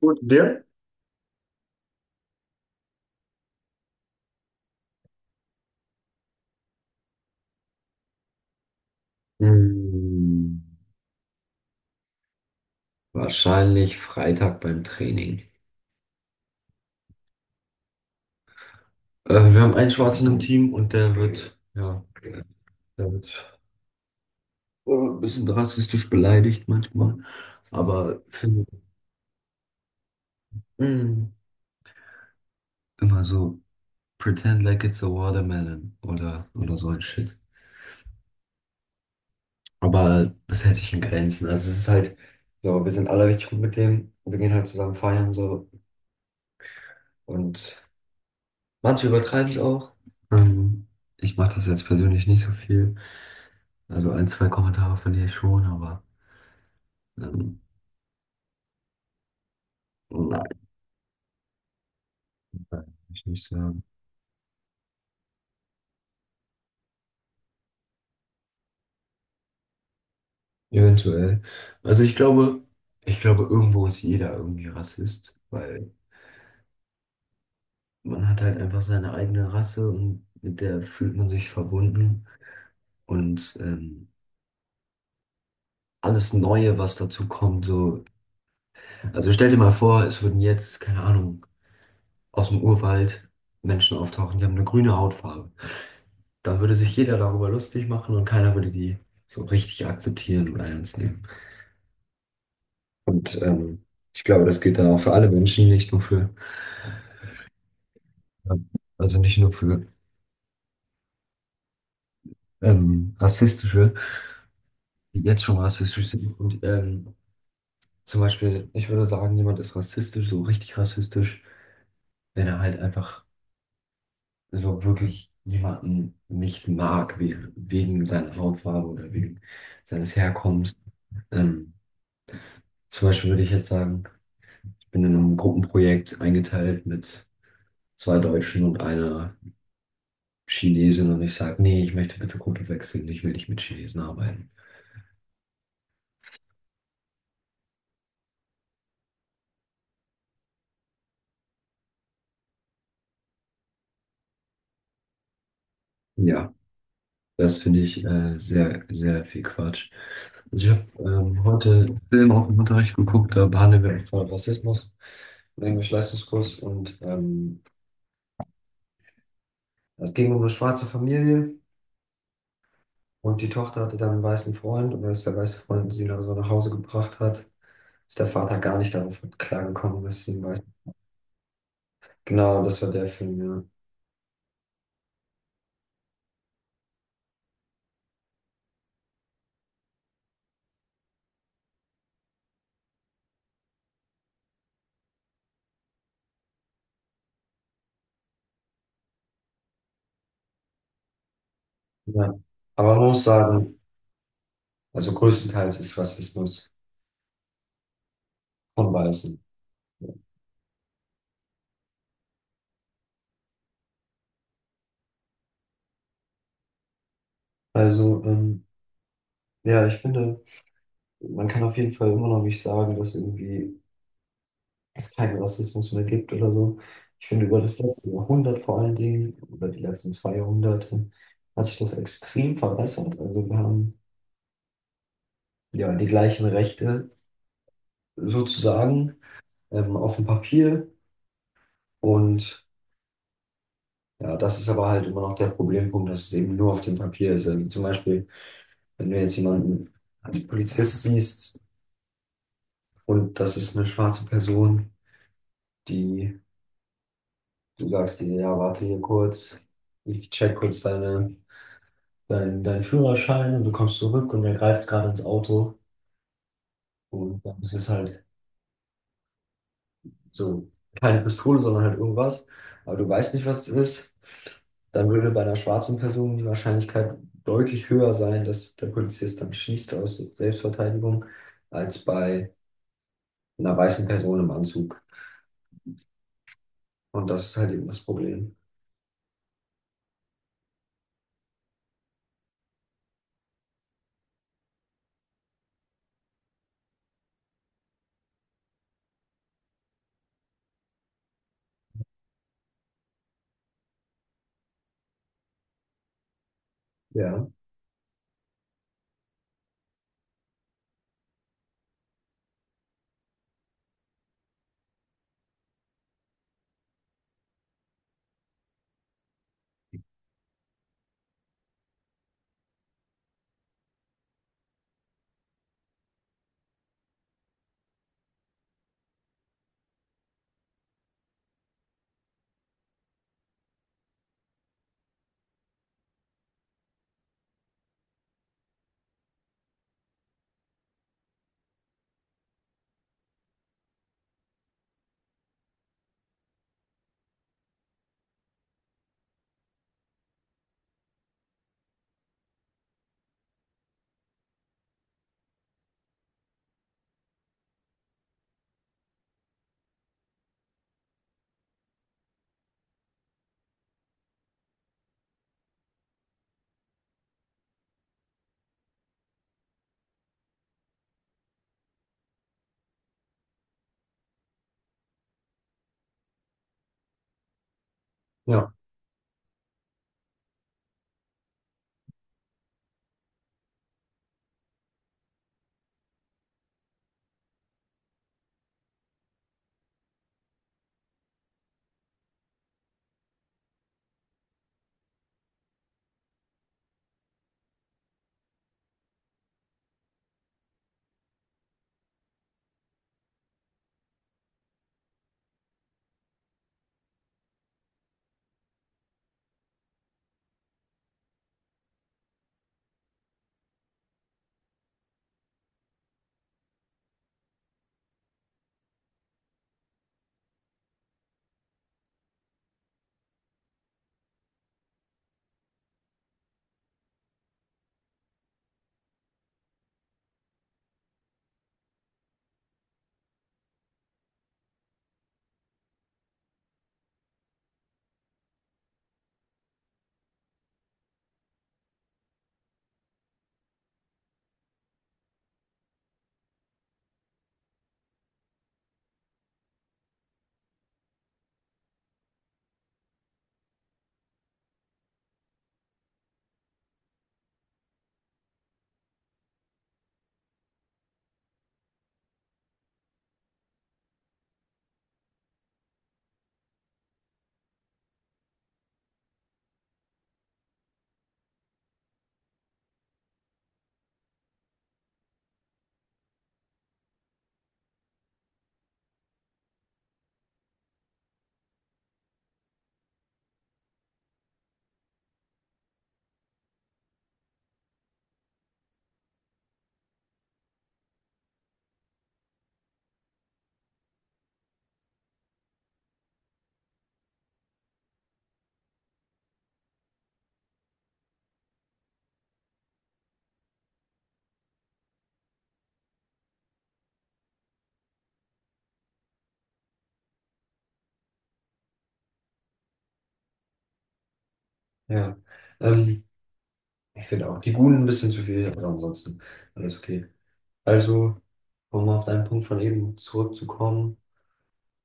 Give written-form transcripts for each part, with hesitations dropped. Gut, und dir? Hm, Wahrscheinlich Freitag beim Training. Wir haben einen Schwarzen im Team und der wird, ja, der wird, oh, ein bisschen rassistisch beleidigt manchmal. Aber finde hm, Immer so, pretend like it's a watermelon oder so ein Shit. Aber das hält sich in Grenzen. Also es ist halt so, wir sind alle richtig gut mit dem. Wir gehen halt zusammen feiern so. Und manche übertreiben es auch. Ähm, Ich mache das jetzt persönlich nicht so viel. Also ein, zwei Kommentare von dir schon, aber ähm, nein, kann ich nicht sagen. Eventuell. Also ich glaube, irgendwo ist jeder irgendwie Rassist, weil man hat halt einfach seine eigene Rasse und mit der fühlt man sich verbunden. Und alles Neue, was dazu kommt, so. Also stell dir mal vor, es würden jetzt, keine Ahnung, aus dem Urwald Menschen auftauchen, die haben eine grüne Hautfarbe. Da würde sich jeder darüber lustig machen und keiner würde die so richtig akzeptieren oder ernst nehmen. Und ich glaube, das gilt dann auch für alle Menschen, nicht nur für, ähm, also nicht nur für rassistische, die jetzt schon rassistisch sind. Und zum Beispiel, ich würde sagen, jemand ist rassistisch, so richtig rassistisch, wenn er halt einfach so wirklich jemanden nicht mag, we wegen seiner Hautfarbe oder wegen seines Herkommens. Ähm, Zum Beispiel würde ich jetzt sagen, ich bin in einem Gruppenprojekt eingeteilt mit zwei Deutschen und einer Chinesin und ich sage, nee, ich möchte bitte Kultur wechseln, ich will nicht mit Chinesen arbeiten. Ja, das finde ich sehr, sehr viel Quatsch. Also ich habe heute einen Film auch im Unterricht geguckt, da behandeln wir auch gerade Rassismus im Englisch-Leistungskurs und es ging um eine schwarze Familie und die Tochter hatte dann einen weißen Freund und als der weiße Freund sie dann so nach Hause gebracht hat, ist der Vater gar nicht darauf klargekommen, dass sie ein weißer. Genau, das war der Film, ja. Ja. Aber man muss sagen, also größtenteils ist Rassismus. Von Weißen. Also, ja, ich finde, man kann auf jeden Fall immer noch nicht sagen, dass irgendwie es keinen Rassismus mehr gibt oder so. Ich finde, über das letzte Jahrhundert vor allen Dingen, über die letzten 2 Jahrhunderte, hat sich das extrem verbessert. Also wir haben ja die gleichen Rechte sozusagen auf dem Papier. Und ja, das ist aber halt immer noch der Problempunkt, dass es eben nur auf dem Papier ist. Also zum Beispiel, wenn du jetzt jemanden als Polizist siehst und das ist eine schwarze Person, die, du sagst dir, ja, warte hier kurz, ich check kurz deinen Führerschein und du kommst zurück und er greift gerade ins Auto und dann ist es halt so keine Pistole, sondern halt irgendwas, aber du weißt nicht, was es ist, dann würde bei einer schwarzen Person die Wahrscheinlichkeit deutlich höher sein, dass der Polizist dann schießt aus Selbstverteidigung, als bei einer weißen Person im Anzug. Und das ist halt eben das Problem. Ja, ja, ja. Ähm, Genau. Die Guten ein bisschen zu viel, aber ansonsten alles okay. Also, um auf deinen Punkt von eben zurückzukommen,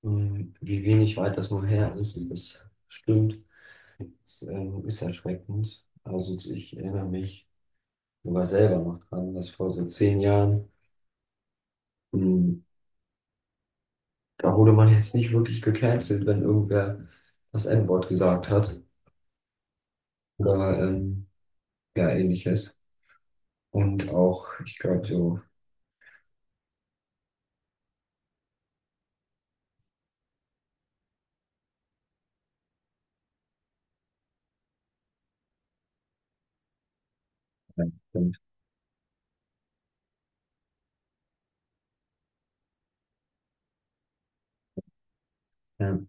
wie wenig weit das nur her ist, das stimmt, das ist erschreckend. Also ich erinnere mich sogar selber noch dran, dass vor so 10 Jahren, mh, da wurde man jetzt nicht wirklich gecancelt, wenn irgendwer das N-Wort gesagt hat oder ja ähnliches. Und auch, ich glaube, so. Ja.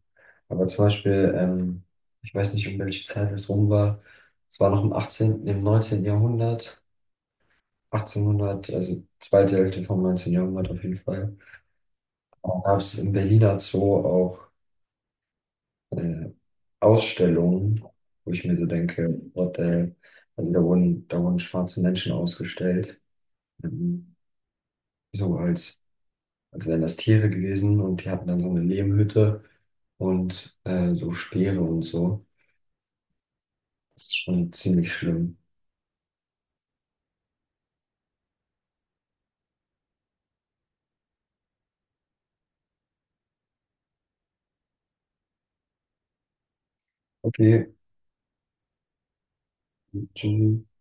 Aber zum Beispiel, ich weiß nicht, um welche Zeit es rum war. Es war noch im 18., im 19. Jahrhundert, 1800, also zweite Hälfte vom 19. Jahrhundert auf jeden Fall. Da gab es im Berliner Zoo auch äh, Ausstellungen, wo ich mir so denke, what the hell? Also da wurden schwarze Menschen ausgestellt, ähm, so als wären das Tiere gewesen und die hatten dann so eine Lehmhütte und so Speere und so. Das ist schon ziemlich schlimm. Okay, tschüssi.